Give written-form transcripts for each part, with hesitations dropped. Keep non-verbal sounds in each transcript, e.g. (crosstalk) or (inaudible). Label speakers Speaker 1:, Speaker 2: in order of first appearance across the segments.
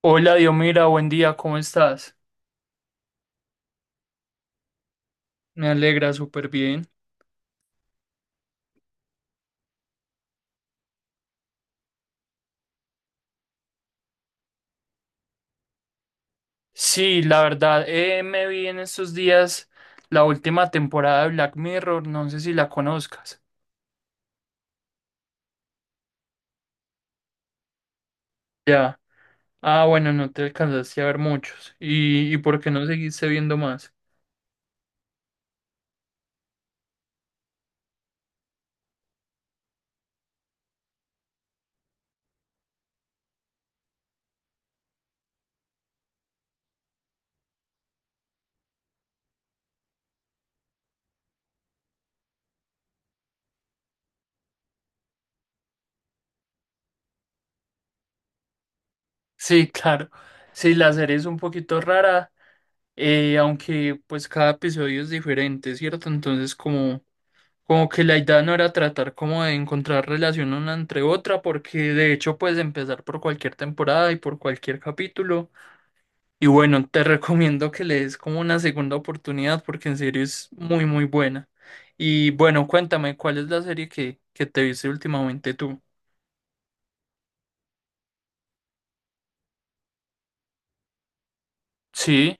Speaker 1: Hola, Diomira, buen día, ¿cómo estás? Me alegra súper bien. Sí, la verdad, me vi en estos días la última temporada de Black Mirror, no sé si la conozcas. Ya. Ah, bueno, no te alcanzaste a ver muchos. ¿Y por qué no seguiste viendo más? Sí, (laughs) claro. Sí, la serie es un poquito rara, aunque pues cada episodio es diferente, ¿cierto? Entonces, como como que la idea no era tratar como de encontrar relación una entre otra, porque de hecho puedes empezar por cualquier temporada y por cualquier capítulo. Y bueno, te (laughs) recomiendo que le des como una segunda oportunidad, porque en serio es muy, muy buena. Y bueno, cuéntame, ¿cuál es la serie que te viste últimamente tú? Sí,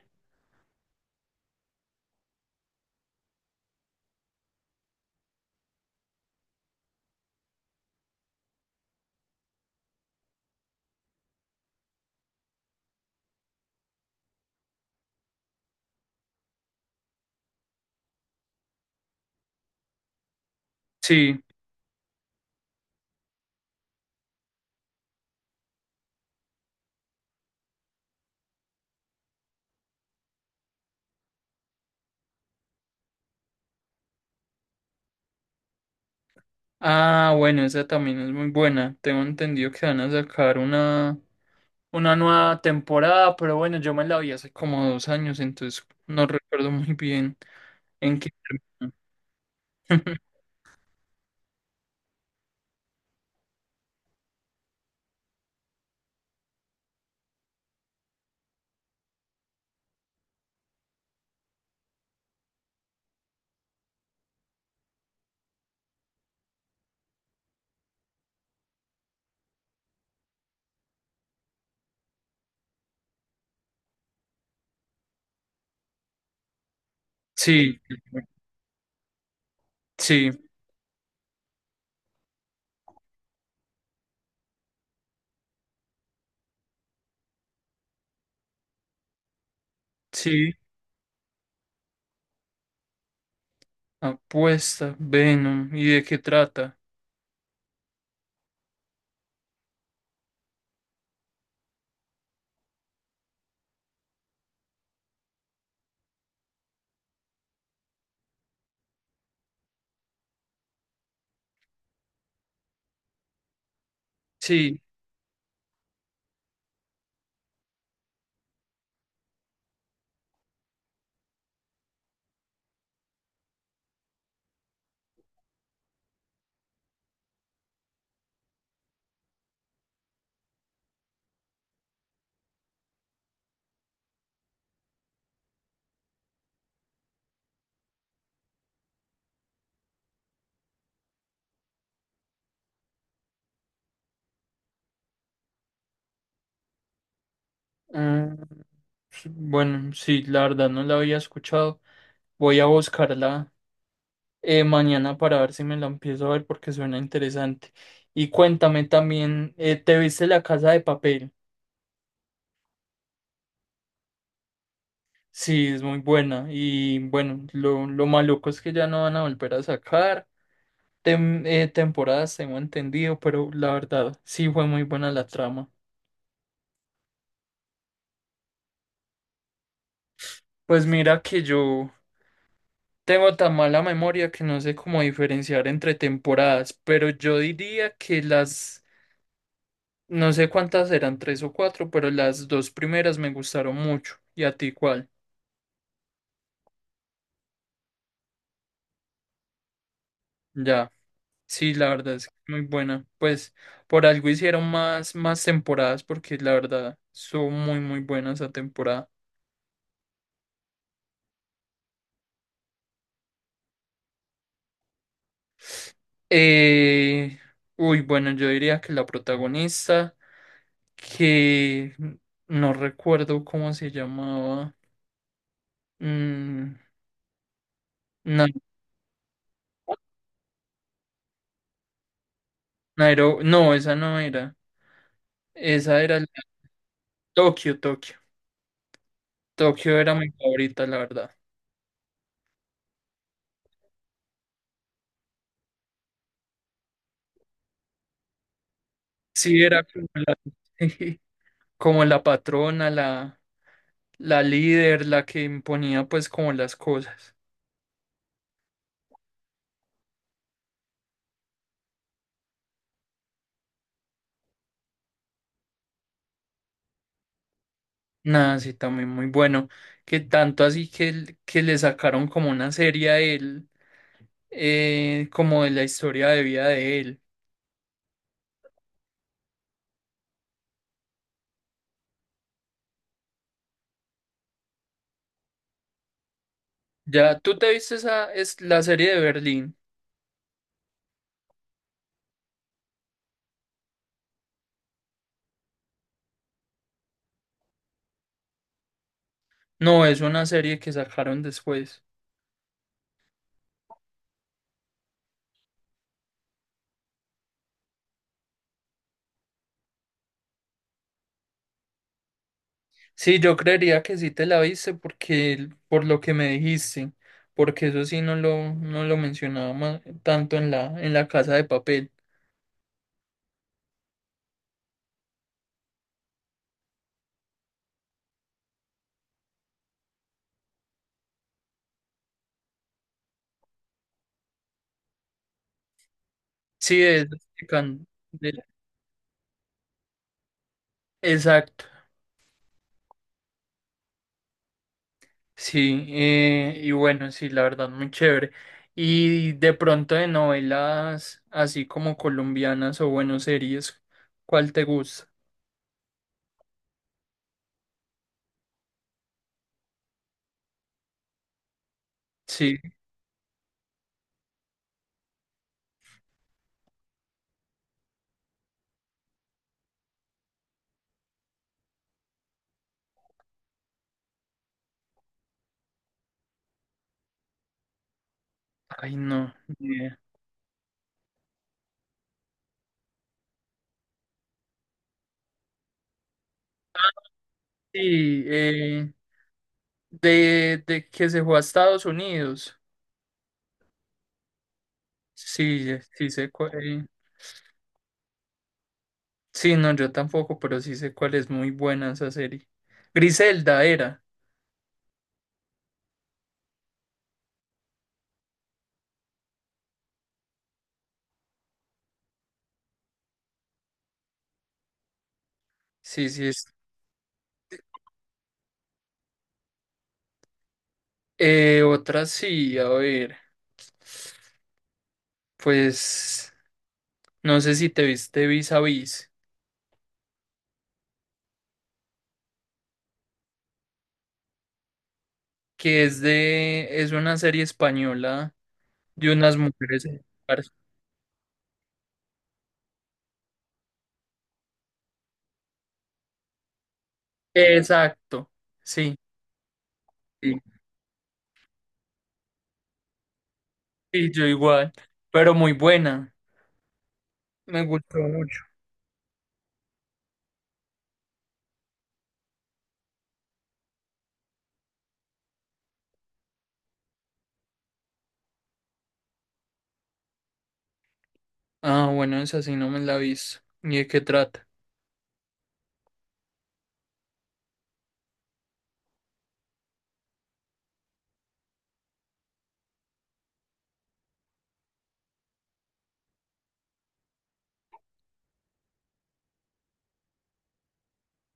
Speaker 1: sí. Ah, bueno, esa también es muy buena. Tengo entendido que van a sacar una nueva temporada, pero bueno, yo me la vi hace como 2 años, entonces no recuerdo muy bien. ¿En qué termina? (laughs) Sí, sí, sí. Apuesta, Venom. ¿Y de qué trata? Sí. Mm, bueno, sí, la verdad no la había escuchado. Voy a buscarla mañana para ver si me la empiezo a ver porque suena interesante. Y cuéntame también, ¿te viste La Casa de Papel? Sí, es muy buena. Y bueno, lo maluco es que ya no van a volver a sacar. Temporadas, tengo entendido, pero la verdad sí fue muy buena la trama. Pues mira que yo tengo tan mala memoria que no sé cómo diferenciar entre temporadas, pero yo diría que las, no sé cuántas eran, tres o cuatro, pero las dos primeras me gustaron mucho. ¿Y a ti cuál? Ya, sí, la verdad es que muy buena. Pues por algo hicieron más, más temporadas porque la verdad son muy, muy buenas esa temporada. Eh, uy, bueno, yo diría que la protagonista, que no recuerdo cómo se llamaba. Mm, Na- no, esa no era. Esa era la- Tokio, Tokio. Tokio era mi favorita, la verdad. Sí, era como la, (laughs) como la patrona, la líder, la que imponía pues como las cosas. Nada, sí, también muy bueno. Que tanto así que le sacaron como una serie a él como de la historia de vida de él. Ya, ¿tú te viste esa, es la serie de Berlín? No, es una serie que sacaron después. Sí, yo creería que sí te la viste porque, por lo que me dijiste, porque eso sí no lo mencionaba tanto en la Casa de Papel. Sí, es, de Can- de- exacto. Sí, y bueno, sí, la verdad, muy chévere. Y de pronto de novelas así como colombianas o bueno, series, ¿cuál te gusta? Sí, ay no. Ni idea. Sí, de que se fue a Estados Unidos. Sí, sí sé cuál. Sí, no, yo tampoco, pero sí sé cuál es muy buena esa serie. Griselda era. Sí, sí es. Otra sí, a ver, pues no sé si te viste Vis a Vis, que es de, es una serie española de unas mujeres. Exacto, sí, sí, sí, yo igual, pero muy buena, me gustó mucho. Ah, bueno, esa sí no me la he visto. ¿Y de qué trata?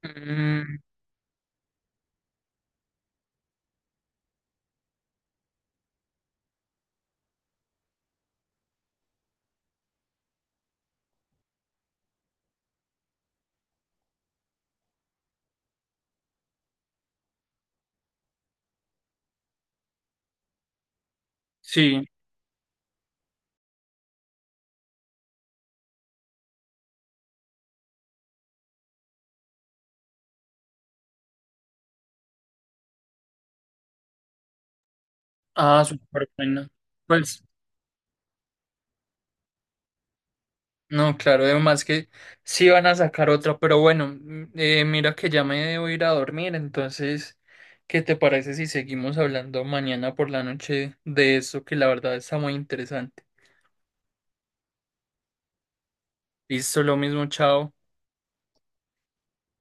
Speaker 1: Mm, sí, ah, súper buena. Pues, no, claro, además que sí van a sacar otra, pero bueno, mm, mira que ya me debo ir a dormir, entonces, ¿qué te parece si seguimos hablando mañana por la noche de eso que la verdad está muy interesante? Listo, lo mismo, chao.